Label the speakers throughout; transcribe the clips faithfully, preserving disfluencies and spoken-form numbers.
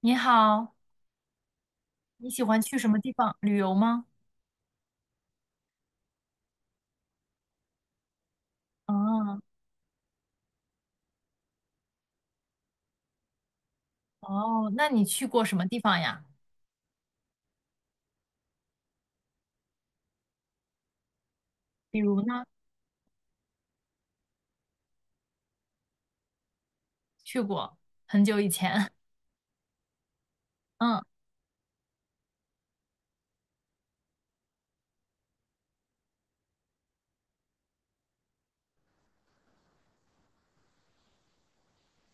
Speaker 1: 你好，你喜欢去什么地方旅游吗？哦哦，那你去过什么地方呀？比如呢？去过很久以前。嗯，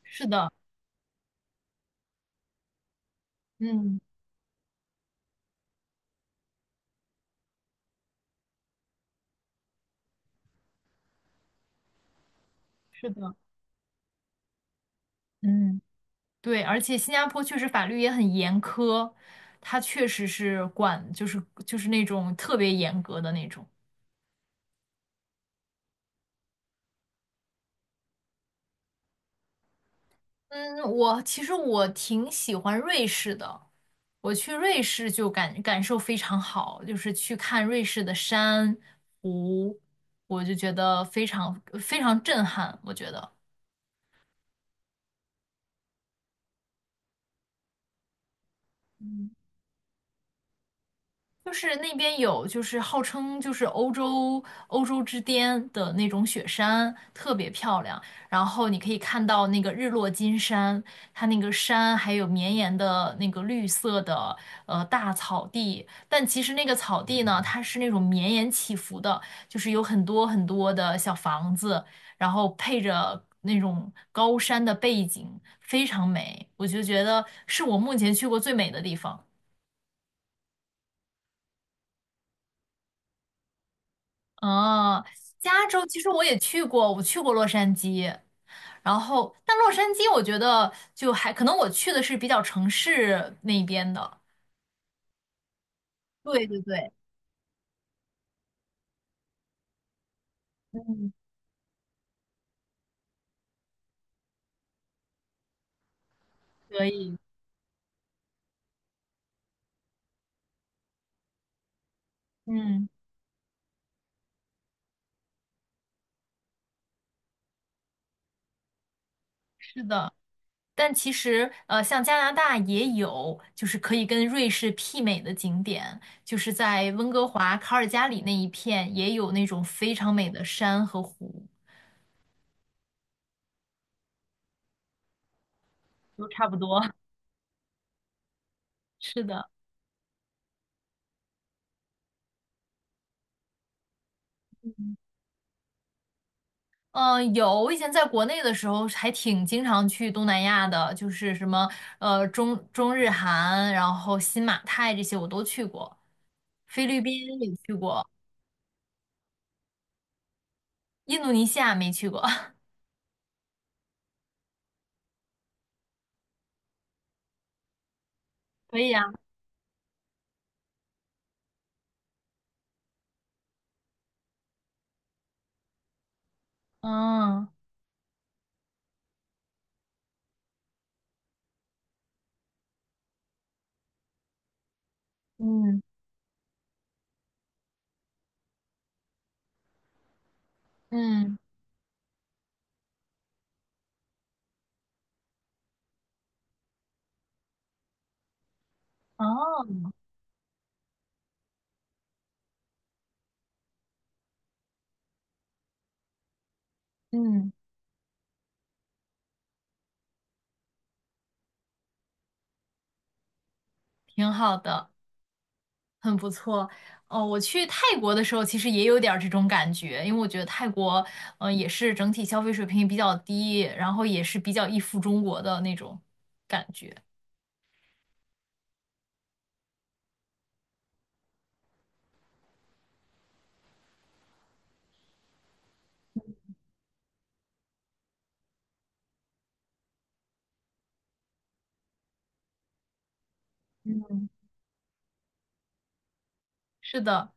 Speaker 1: 是的，嗯，是的，嗯，对，而且新加坡确实法律也很严苛，它确实是管，就是就是那种特别严格的那种。嗯，我其实我挺喜欢瑞士的，我去瑞士就感感受非常好，就是去看瑞士的山湖，我就觉得非常非常震撼，我觉得。就是那边有，就是号称就是欧洲欧洲之巅的那种雪山，特别漂亮。然后你可以看到那个日落金山，它那个山还有绵延的那个绿色的呃大草地。但其实那个草地呢，它是那种绵延起伏的，就是有很多很多的小房子，然后配着那种高山的背景，非常美。我就觉得是我目前去过最美的地方。哦，加州其实我也去过，我去过洛杉矶，然后但洛杉矶我觉得就还可能我去的是比较城市那边的，对对对，嗯，可以，嗯，是的，但其实呃，像加拿大也有就是可以跟瑞士媲美的景点，就是在温哥华、卡尔加里那一片也有那种非常美的山和湖，都差不多，是的。嗯，有，我以前在国内的时候还挺经常去东南亚的，就是什么呃中中日韩，然后新马泰这些我都去过，菲律宾也去过，印度尼西亚没去过，可以啊，嗯嗯嗯，哦，嗯，挺好的，很不错。哦，我去泰国的时候其实也有点儿这种感觉，因为我觉得泰国呃也是整体消费水平比较低，然后也是比较依附中国的那种感觉。是的，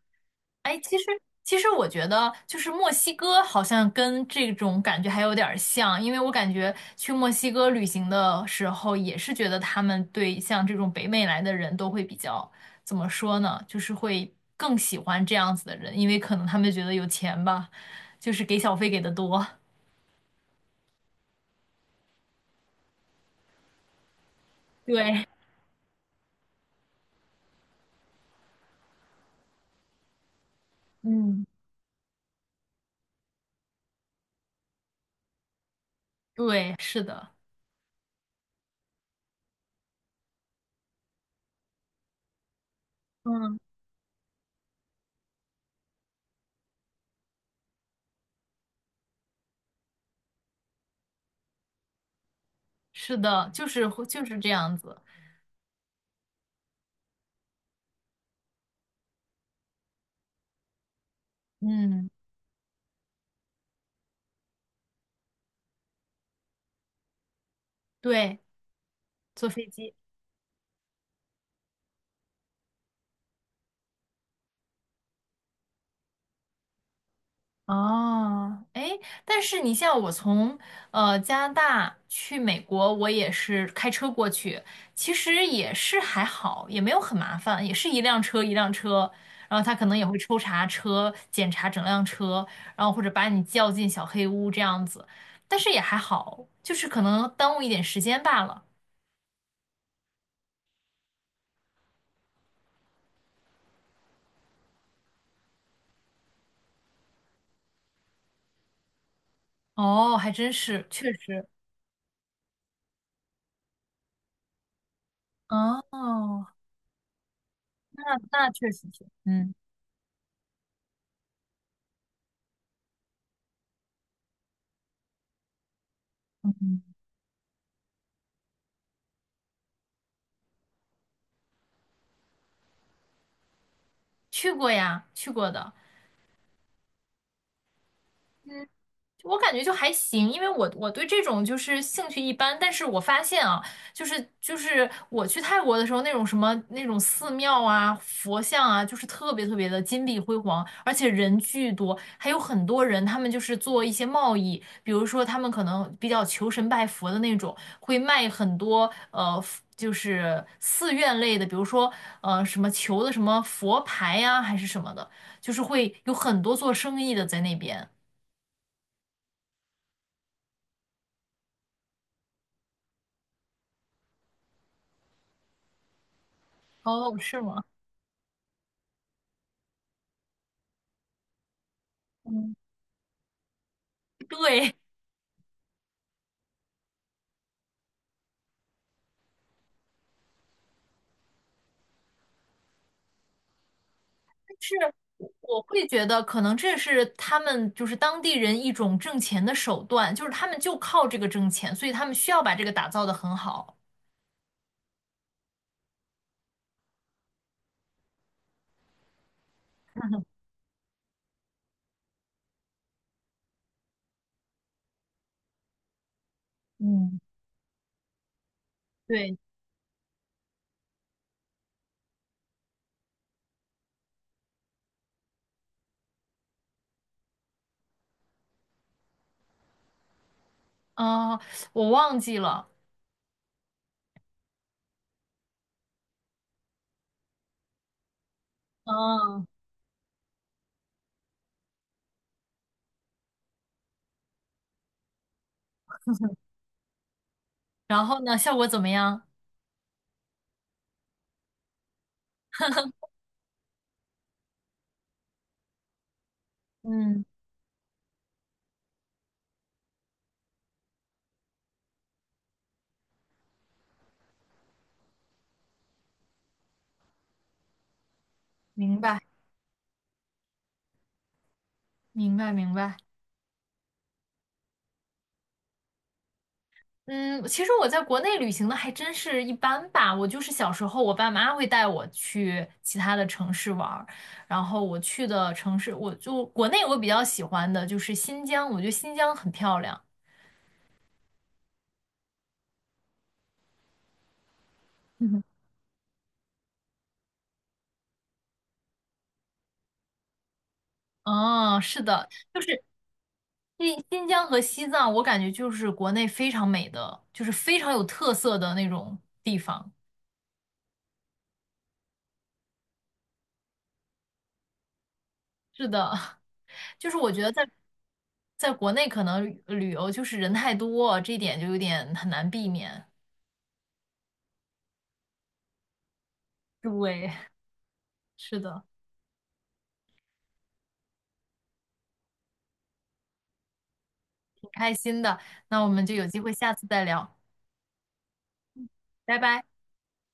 Speaker 1: 哎，其实其实我觉得，就是墨西哥好像跟这种感觉还有点儿像，因为我感觉去墨西哥旅行的时候，也是觉得他们对像这种北美来的人都会比较，怎么说呢，就是会更喜欢这样子的人，因为可能他们觉得有钱吧，就是给小费给的多。对 嗯对，是的，嗯，是的，就是会就是这样子。嗯，对，坐飞机。哦，哎，但是你像我从呃加拿大去美国，我也是开车过去，其实也是还好，也没有很麻烦，也是一辆车一辆车，然后他可能也会抽查车，检查整辆车，然后或者把你叫进小黑屋这样子，但是也还好，就是可能耽误一点时间罢了。哦，还真是，确实，哦，那那确实是，嗯嗯，嗯去过呀，去过的。嗯。我感觉就还行，因为我我对这种就是兴趣一般，但是我发现啊，就是就是我去泰国的时候，那种什么那种寺庙啊、佛像啊，就是特别特别的金碧辉煌，而且人巨多，还有很多人，他们就是做一些贸易，比如说他们可能比较求神拜佛的那种，会卖很多呃。就是寺院类的，比如说，呃，什么求的什么佛牌呀、还是什么的，就是会有很多做生意的在那边。哦，是吗？嗯，对，是我会觉得可能这是他们就是当地人一种挣钱的手段，就是他们就靠这个挣钱，所以他们需要把这个打造的很好。嗯，对，啊、我忘记了。嗯，然后呢，效果怎么样？嗯，明白，明白，明白。嗯，其实我在国内旅行的还真是一般吧。我就是小时候，我爸妈会带我去其他的城市玩儿，然后我去的城市，我就国内我比较喜欢的就是新疆，我觉得新疆很漂亮。嗯嗯，是的，就是新新疆和西藏，我感觉就是国内非常美的，就是非常有特色的那种地方。是的，就是我觉得在在国内可能旅游就是人太多，这一点就有点很难避免。对，是的，挺开心的。那我们就有机会下次再聊，拜拜。